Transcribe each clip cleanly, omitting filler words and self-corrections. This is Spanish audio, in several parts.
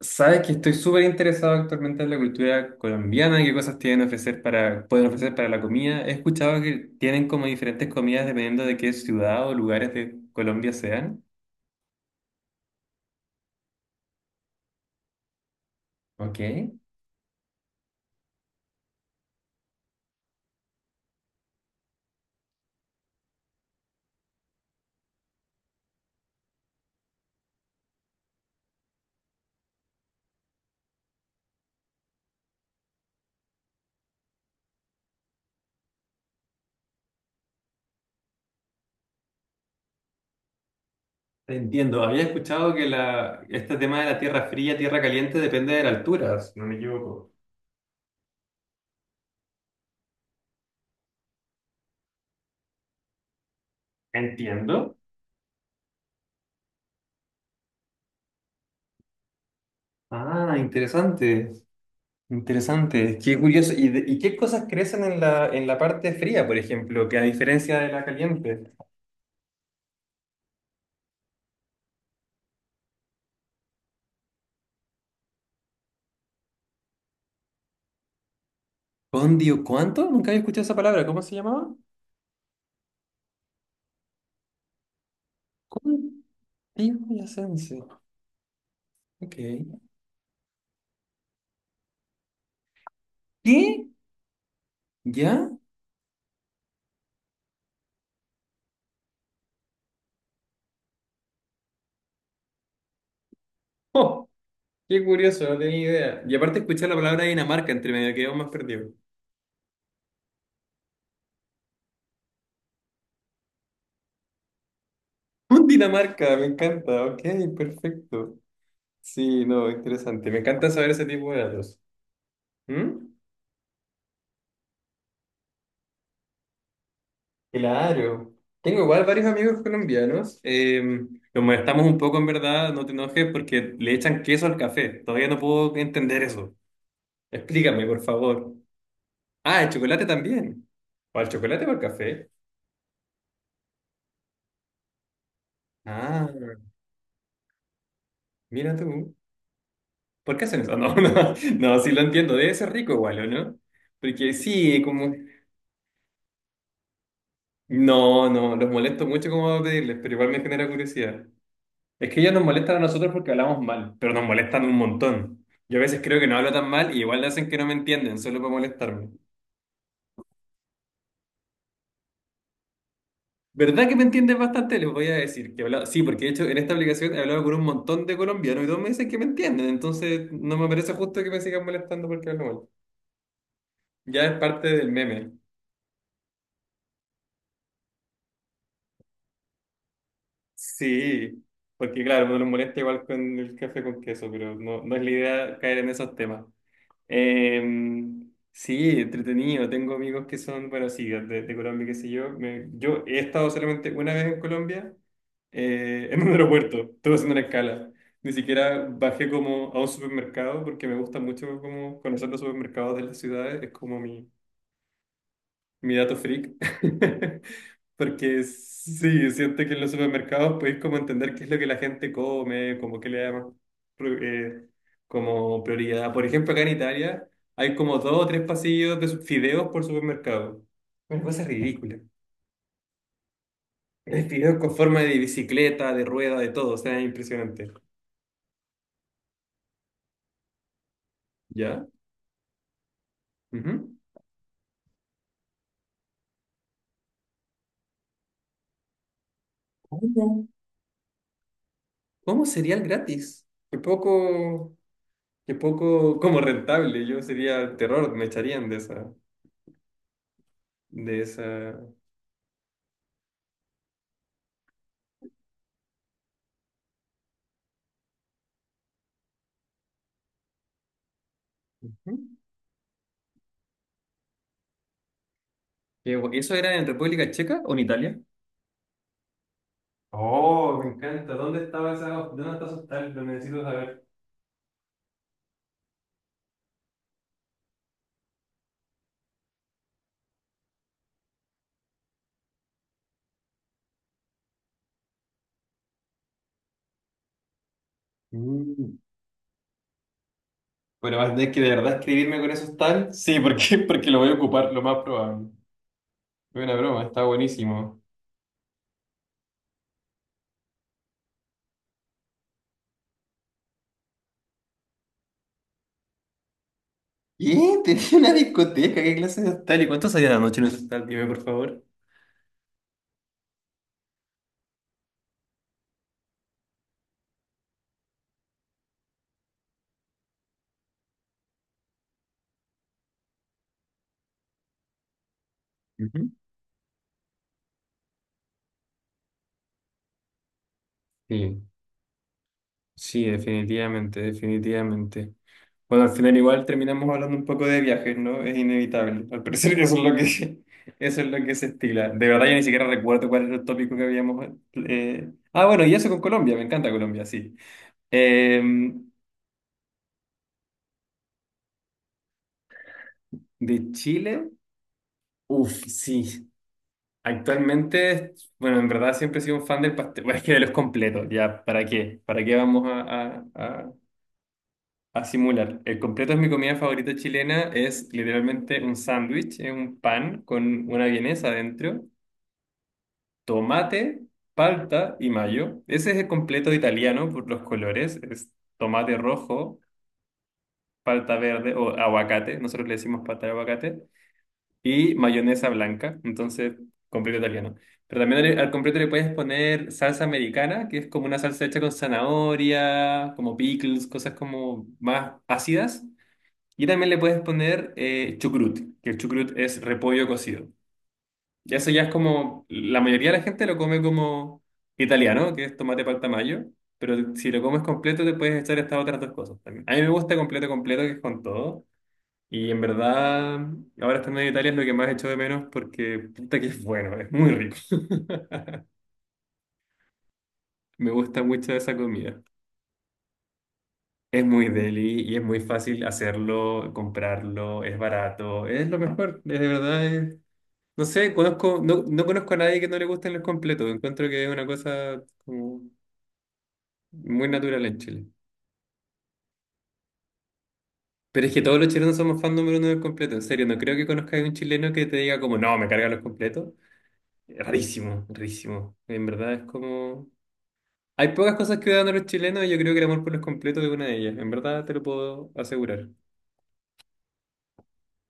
Sabes que estoy súper interesado actualmente en la cultura colombiana, qué cosas tienen ofrecer para, pueden ofrecer para la comida. He escuchado que tienen como diferentes comidas dependiendo de qué ciudad o lugares de Colombia sean. Ok. Te entiendo. Había escuchado que este tema de la tierra fría, tierra caliente depende de la altura, si no me equivoco. Entiendo. Ah, interesante. Interesante. Qué curioso. ¿Y, y qué cosas crecen en en la parte fría, por ejemplo, que a diferencia de la caliente? Condio, ¿cuánto? Nunca había escuchado esa palabra. ¿Cómo se llamaba? Cundiboyacense. Ok. ¿Qué? ¿Ya? Oh, qué curioso, no tenía idea. Y aparte escuché la palabra Dinamarca entre medio, quedó más perdido. Dinamarca, me encanta. Ok, perfecto. Sí, no, interesante. Me encanta saber ese tipo de datos. ¿Mm? Claro. Tengo igual varios amigos colombianos. Los molestamos un poco, en verdad, no te enojes, porque le echan queso al café. Todavía no puedo entender eso. Explícame, por favor. Ah, el chocolate también. ¿Para el chocolate o para el café? Ah, mira tú. ¿Por qué hacen eso? No, no, no, sí lo entiendo. Debe ser rico igual, ¿o no? Porque sí, como... No, no, los molesto mucho como a pedirles, pero igual me genera curiosidad. Es que ellos nos molestan a nosotros porque hablamos mal, pero nos molestan un montón. Yo a veces creo que no hablo tan mal y igual hacen que no me entienden, solo para molestarme. ¿Verdad que me entiendes bastante? Les voy a decir que he hablado. Sí, porque de hecho en esta aplicación he hablado con un montón de colombianos y todos me dicen que me entienden. Entonces no me parece justo que me sigan molestando porque hablo mal. Ya es parte del meme. Sí, porque claro, uno los molesta igual con el café con queso, pero no, no es la idea caer en esos temas. Eh, sí, entretenido. Tengo amigos que son, bueno, sí, de Colombia, qué sé yo. Yo he estado solamente una vez en Colombia, en un aeropuerto. Estuve haciendo una escala. Ni siquiera bajé como a un supermercado porque me gusta mucho como conocer los supermercados de las ciudades. Es como mi dato freak. Porque sí, siento que en los supermercados podéis como entender qué es lo que la gente come, como qué le da más pro- eh, como prioridad. Por ejemplo, acá en Italia hay como dos o tres pasillos de fideos por supermercado. Una cosa ridícula. Hay fideos con forma de bicicleta, de rueda, de todo, o sea, es impresionante. ¿Ya? Ujú. ¿Cómo? ¿Cómo cereal gratis? Qué poco como rentable. Yo sería terror, me echarían de esa. De esa... Ujú. ¿Eso era en República Checa o en Italia? Oh, me encanta. ¿Dónde estaba esa, dónde está esos tal? Lo necesito saber. Mm. Bueno, vas a tener que de verdad escribirme con esos tal. Sí, porque porque lo voy a ocupar, lo más probable. Fue una broma, está buenísimo. ¿Y? ¿Tenía una discoteca? ¿Qué clase de hostal? ¿Y cuánto salía la noche en ese hostal? Dime, por favor. Ujú. Sí. Sí, definitivamente, definitivamente. Bueno, al final igual terminamos hablando un poco de viajes, ¿no? Es inevitable. Al parecer eso es lo que, eso es lo que se estila. De verdad yo ni siquiera recuerdo cuál era el tópico que habíamos... Ah, bueno, y eso con Colombia, me encanta Colombia, sí. Eh, de Chile, uff, sí. Actualmente, bueno, en verdad siempre he sido un fan del pastel, bueno, es que de los completos, ya, ¿para qué? ¿Para qué vamos a simular? El completo es mi comida favorita chilena. Es literalmente un sándwich, es un pan con una vienesa adentro, tomate, palta y mayo. Ese es el completo italiano por los colores. Es tomate rojo, palta verde o aguacate. Nosotros le decimos palta de aguacate. Y mayonesa blanca. Entonces, completo italiano. Pero también al completo le puedes poner salsa americana, que es como una salsa hecha con zanahoria, como pickles, cosas como más ácidas. Y también le puedes poner chucrut, que el chucrut es repollo cocido. Y eso ya es como, la mayoría de la gente lo come como italiano, que es tomate palta mayo, pero si lo comes completo te puedes echar estas otras dos cosas también. A mí me gusta completo, completo, que es con todo. Y en verdad, ahora estando en Italia es lo que más echo de menos porque puta que es bueno, es muy rico. Me gusta mucho esa comida. Es muy deli y es muy fácil hacerlo, comprarlo, es barato, es lo mejor, es de verdad es... No sé, conozco, no, no conozco a nadie que no le gusten los completos. Encuentro que es una cosa como muy natural en Chile. Pero es que todos los chilenos somos fan número uno del completo. En serio, no creo que conozca a un chileno que te diga como, no, me cargan los completos. Rarísimo, rarísimo. En verdad es como... Hay pocas cosas que dan a los chilenos y yo creo que el amor por los completos es una de ellas. En verdad te lo puedo asegurar.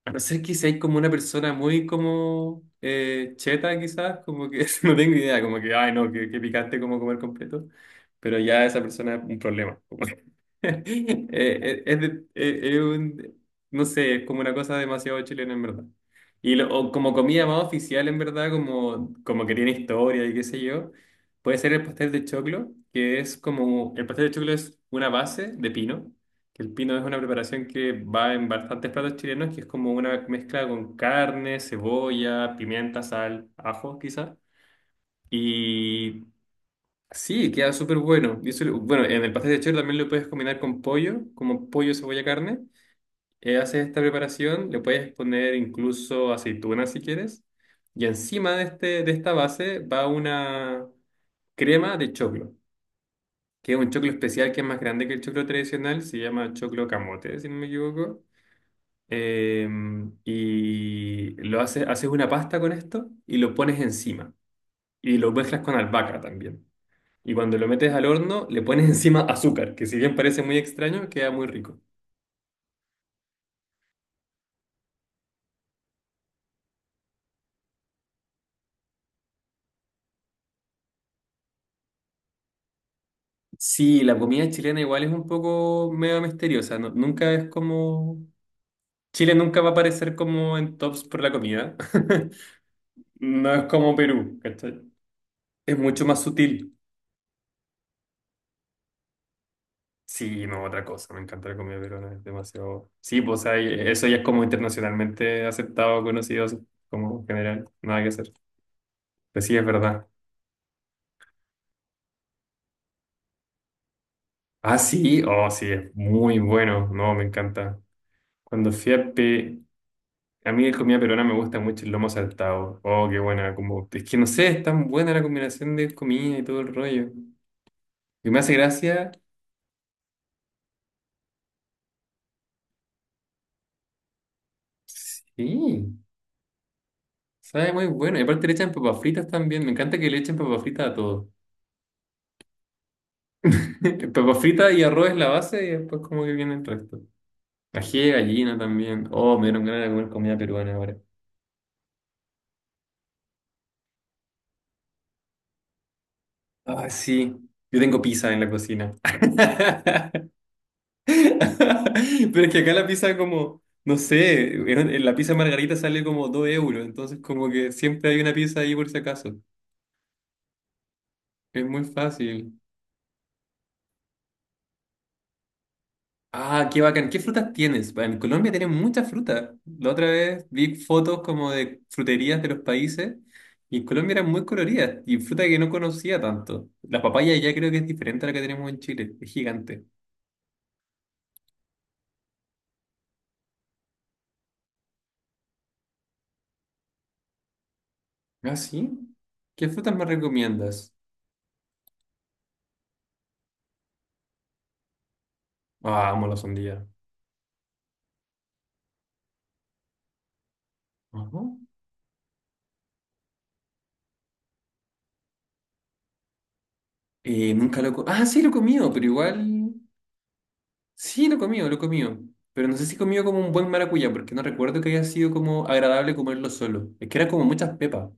A no ser que seáis como una persona muy como cheta quizás, como que no tengo idea, como que, ay no, qué, qué picante como comer completo, pero ya esa persona es un problema. Es, es un, no sé, es como una cosa demasiado chilena en verdad. Y o como comida más oficial en verdad, como, como que tiene historia y qué sé yo, puede ser el pastel de choclo, que es como, el pastel de choclo es una base de pino, que el pino es una preparación que va en bastantes platos chilenos, que es como una mezcla con carne, cebolla, pimienta, sal, ajo quizá. Sí, queda súper bueno. Y eso bueno, en el pastel de choclo también lo puedes combinar con pollo, como pollo, cebolla, carne. Haces esta preparación, le puedes poner incluso aceitunas si quieres. Y encima de, este, de esta base va una crema de choclo, que es un choclo especial que es más grande que el choclo tradicional, se llama choclo camote, si no me equivoco. Eh, y lo haces, haces una pasta con esto y lo pones encima. Y lo mezclas con albahaca también. Y cuando lo metes al horno, le pones encima azúcar, que si bien parece muy extraño, queda muy rico. Sí, la comida chilena igual es un poco medio misteriosa, nunca es como... Chile nunca va a aparecer como en tops por la comida. No es como Perú, ¿cachai? Es mucho más sutil. Sí, no, otra cosa, me encanta la comida peruana, es demasiado... Sí, pues o sea, eso ya es como internacionalmente aceptado, conocido, así como general, nada que hacer. Pero sí, es verdad. Ah, sí, oh, sí, es muy bueno, no, me encanta. Cuando fui a Pe- A mí de comida peruana me gusta mucho el lomo saltado. Oh, qué buena. Como... Es que no sé, es tan buena la combinación de comida y todo el rollo. Y me hace gracia. Sí, sabe muy bueno. Y aparte le echan papas fritas también. Me encanta que le echen papas fritas a todo. Papas fritas y arroz es la base y después como que viene el resto. Ají de gallina también. Oh, me dieron ganas de comer comida peruana ahora. Ah, sí. Yo tengo pizza en la cocina. Pero es que acá la pizza como, no sé, en la pizza margarita sale como 2 euros, entonces como que siempre hay una pizza ahí por si acaso. Es muy fácil. Ah, qué bacán. ¿Qué frutas tienes? En Colombia tienen muchas frutas. La otra vez vi fotos como de fruterías de los países y en Colombia eran muy coloridas y fruta que no conocía tanto. La papaya ya creo que es diferente a la que tenemos en Chile. Es gigante. Ah, sí. ¿Qué frutas me recomiendas? Ah, amo la sandía. Ajá. Nunca lo he co- Ah, sí, lo he comido, pero igual. Sí, lo he comido, lo he comido. Pero no sé si he comido como un buen maracuyá, porque no recuerdo que haya sido como agradable comerlo solo. Es que era como muchas pepas.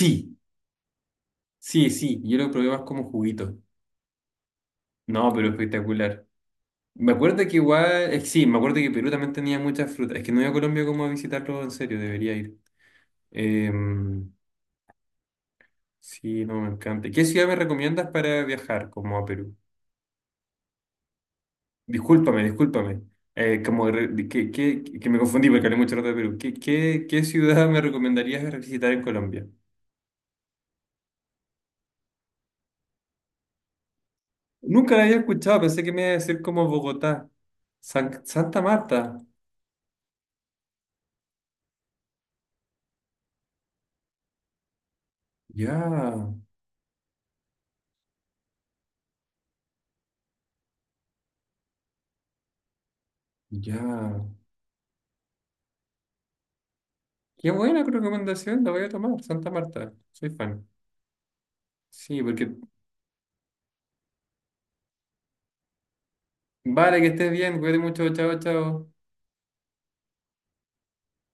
Sí, sí, sí. Yo lo probé más como juguito. No, pero espectacular. Me acuerdo que igual. Sí, me acuerdo que Perú también tenía muchas frutas. Es que no he ido a Colombia como a visitarlo en serio, debería ir. Em, sí, no, me encanta. ¿Qué ciudad me recomiendas para viajar como a Perú? Discúlpame, discúlpame. Como re- de que, que me confundí porque hablé mucho rato de Perú. ¿Qué ciudad me recomendarías visitar en Colombia? Nunca la había escuchado, pensé que me iba a decir como Bogotá. Santa Marta. Ya, ya. Qué buena recomendación, la voy a tomar. Santa Marta, soy fan. Sí, porque vale, que estés bien, cuídate mucho, chao, chao.